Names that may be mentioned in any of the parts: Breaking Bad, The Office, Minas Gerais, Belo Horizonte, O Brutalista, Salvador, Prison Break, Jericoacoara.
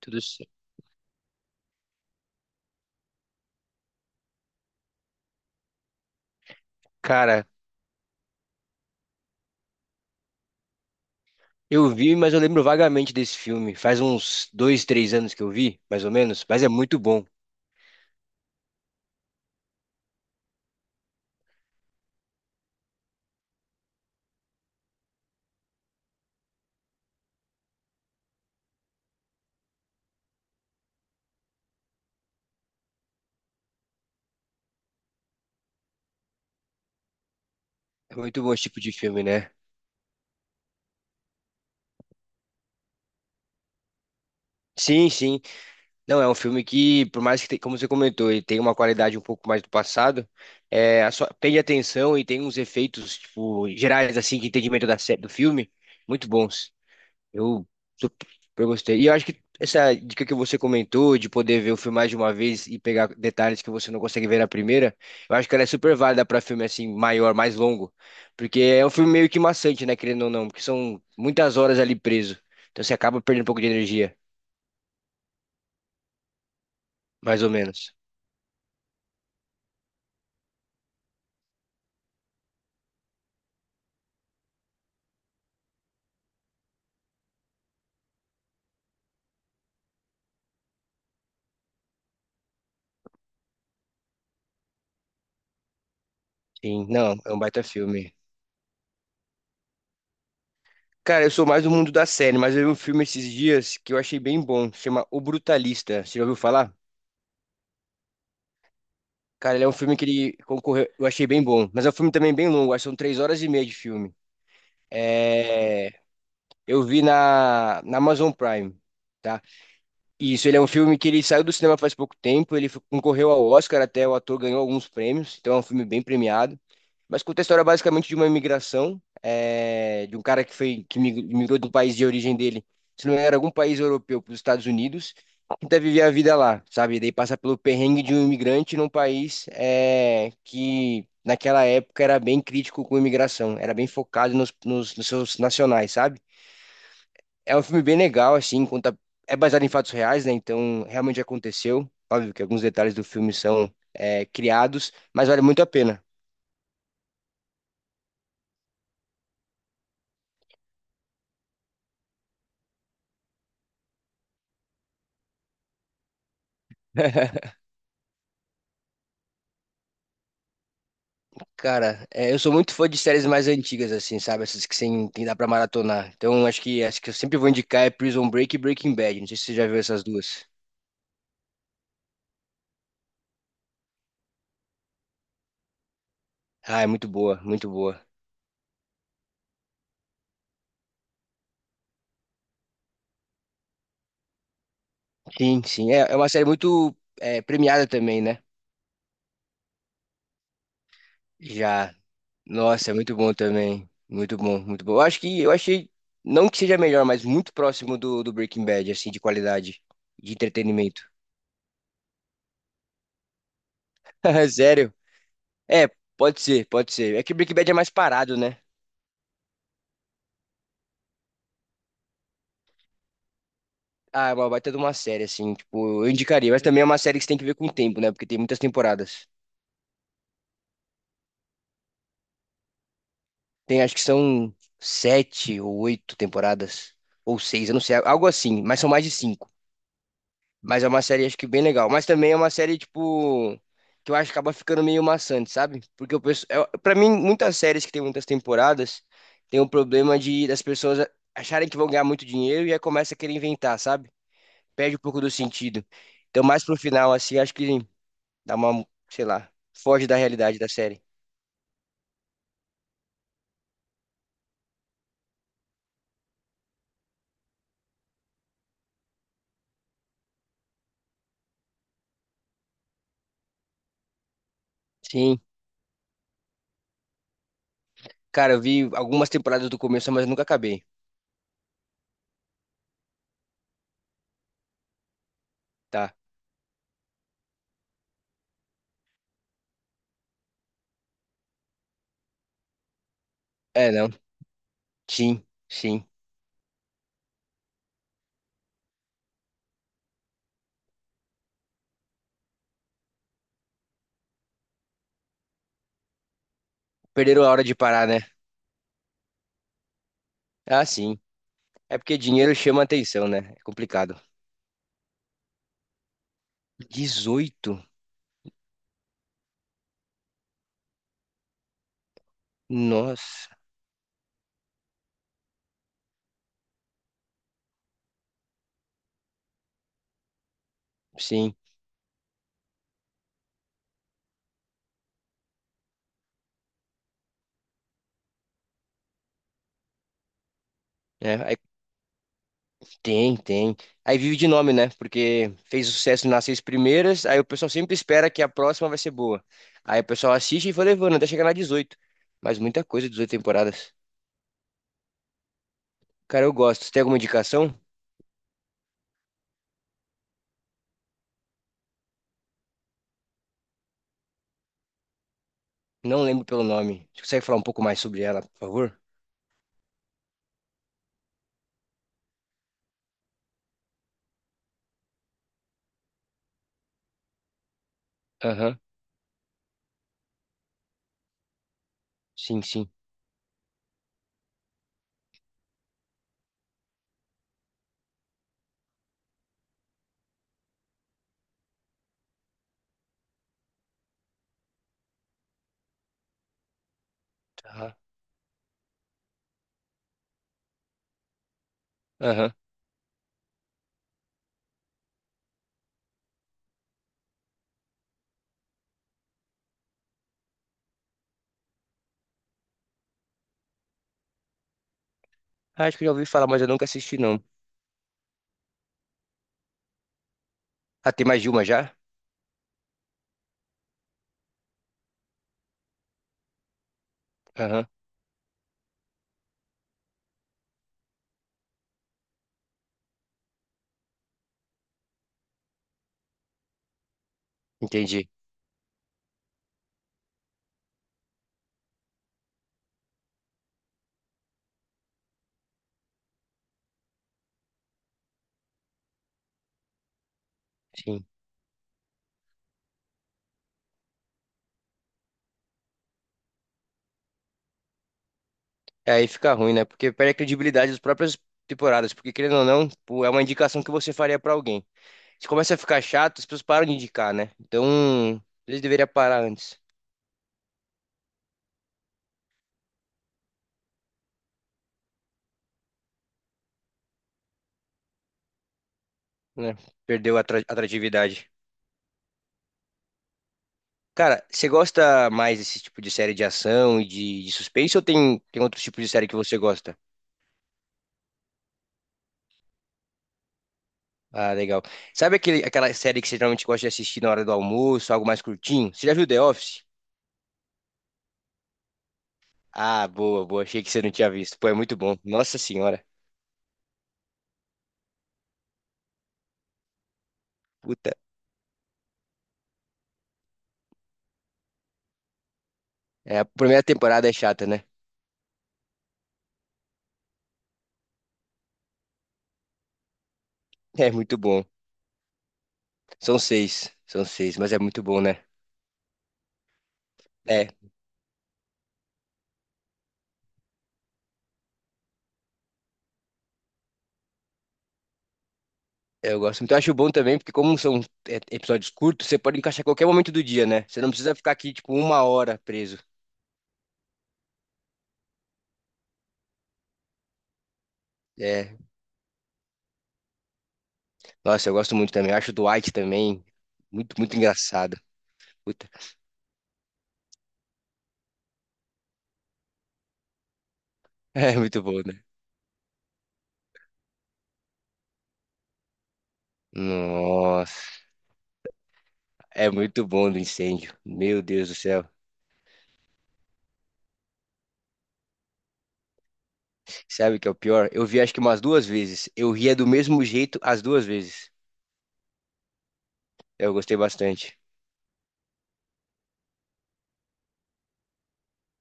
Tudo certo. Cara, eu vi, mas eu lembro vagamente desse filme. Faz uns 2, 3 anos que eu vi, mais ou menos. Mas é muito bom. É muito bom esse tipo de filme, né? Sim, sim. Não, é um filme que, por mais que, te- como você comentou, ele tem uma qualidade um pouco mais do passado, prende atenção e tem uns efeitos, tipo, gerais, assim, de entendimento do filme, muito bons. Eu super gostei. E eu acho que essa dica que você comentou de poder ver o filme mais de uma vez e pegar detalhes que você não consegue ver na primeira, eu acho que ela é super válida para filme assim maior, mais longo, porque é um filme meio que maçante, né, querendo ou não, porque são muitas horas ali preso. Então você acaba perdendo um pouco de energia, mais ou menos. Sim, não, é um baita filme. Cara, eu sou mais do mundo da série, mas eu vi um filme esses dias que eu achei bem bom, chama O Brutalista. Você já ouviu falar? Cara, ele é um filme que ele concorreu, eu achei bem bom, mas é um filme também bem longo, acho que são 3 horas e meia de filme. É, eu vi na Amazon Prime, tá? Isso, ele é um filme que ele saiu do cinema faz pouco tempo, concorreu ao Oscar, até o ator ganhou alguns prêmios, então é um filme bem premiado. Mas conta a história basicamente de uma imigração, de um cara que foi migrou do país de origem dele, se não era algum país europeu para os Estados Unidos, tenta viver a vida lá, sabe? Daí passa pelo perrengue de um imigrante num país que naquela época era bem crítico com imigração, era bem focado nos seus nacionais, sabe? É um filme bem legal, assim, conta. É baseado em fatos reais, né? Então, realmente aconteceu. Óbvio que alguns detalhes do filme são criados, mas vale muito a pena. Cara, eu sou muito fã de séries mais antigas, assim, sabe? Essas que sem, tem dá pra maratonar. Então, acho que eu sempre vou indicar é Prison Break e Breaking Bad. Não sei se você já viu essas duas. Ah, é muito boa, muito boa. Sim, sim. É uma série muito premiada também, né? Já. Nossa, é muito bom também. Muito bom, muito bom. Eu acho que eu achei, não que seja melhor, mas muito próximo do Breaking Bad, assim, de qualidade, de entretenimento. Sério? É, pode ser, pode ser. É que Breaking Bad é mais parado, né? Ah, é uma baita de uma série, assim, tipo, eu indicaria, mas também é uma série que você tem que ver com o tempo, né? Porque tem muitas temporadas. Tem, acho que são sete ou oito temporadas, ou seis, eu não sei, algo assim, mas são mais de cinco. Mas é uma série, acho que bem legal. Mas também é uma série, tipo, que eu acho que acaba ficando meio maçante, sabe? Porque o pessoal. Pra mim, muitas séries que tem muitas temporadas tem o problema de das pessoas acharem que vão ganhar muito dinheiro e aí começa a querer inventar, sabe? Perde um pouco do sentido. Então, mais pro final, assim, acho que dá uma, sei lá, foge da realidade da série. Sim. Cara, eu vi algumas temporadas do começo, mas nunca acabei, tá? É, não. Sim, sim. Perderam a hora de parar, né? Ah, sim. É porque dinheiro chama atenção, né? É complicado. 18. Nossa, sim. É, aí tem. Aí vive de nome, né? Porque fez sucesso nas seis primeiras, aí o pessoal sempre espera que a próxima vai ser boa. Aí o pessoal assiste e vai levando até chegar na 18. Mas muita coisa, 18 temporadas. Cara, eu gosto. Você tem alguma indicação? Não lembro pelo nome. Você consegue falar um pouco mais sobre ela, por favor? Aham. Sim, sim. Aham. Aham. Ah, acho que eu já ouvi falar, mas eu nunca assisti, não. Ah, tem mais de uma já? Aham. Entendi. Sim. É, aí fica ruim, né? Porque perde a credibilidade das próprias temporadas. Porque, querendo ou não, pô, é uma indicação que você faria pra alguém. Se começa a ficar chato, as pessoas param de indicar, né? Então, eles deveriam parar antes, né? Perdeu a atratividade. Cara, você gosta mais desse tipo de série de ação e de suspense ou tem outro tipo de série que você gosta? Ah, legal. Sabe aquele, aquela série que você geralmente gosta de assistir na hora do almoço, algo mais curtinho? Você já viu The Office? Ah, boa, boa. Achei que você não tinha visto. Pô, é muito bom. Nossa senhora. Puta. É, a primeira temporada é chata, né? É muito bom. São seis. São seis, mas é muito bom, né? É, eu gosto muito. Eu acho bom também, porque como são episódios curtos, você pode encaixar qualquer momento do dia, né? Você não precisa ficar aqui, tipo, uma hora preso. É. Nossa, eu gosto muito também. Eu acho o Dwight também muito, muito engraçado. Puta. É muito bom, né? Nossa. É muito bom do incêndio. Meu Deus do céu. Sabe o que é o pior? Eu vi acho que umas duas vezes. Eu ria do mesmo jeito as duas vezes. Eu gostei bastante.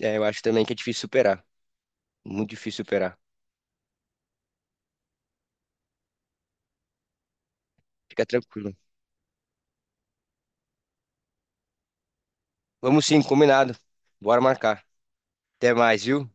É, eu acho também que é difícil superar. Muito difícil superar. Fica tranquilo. Vamos sim, combinado. Bora marcar. Até mais, viu?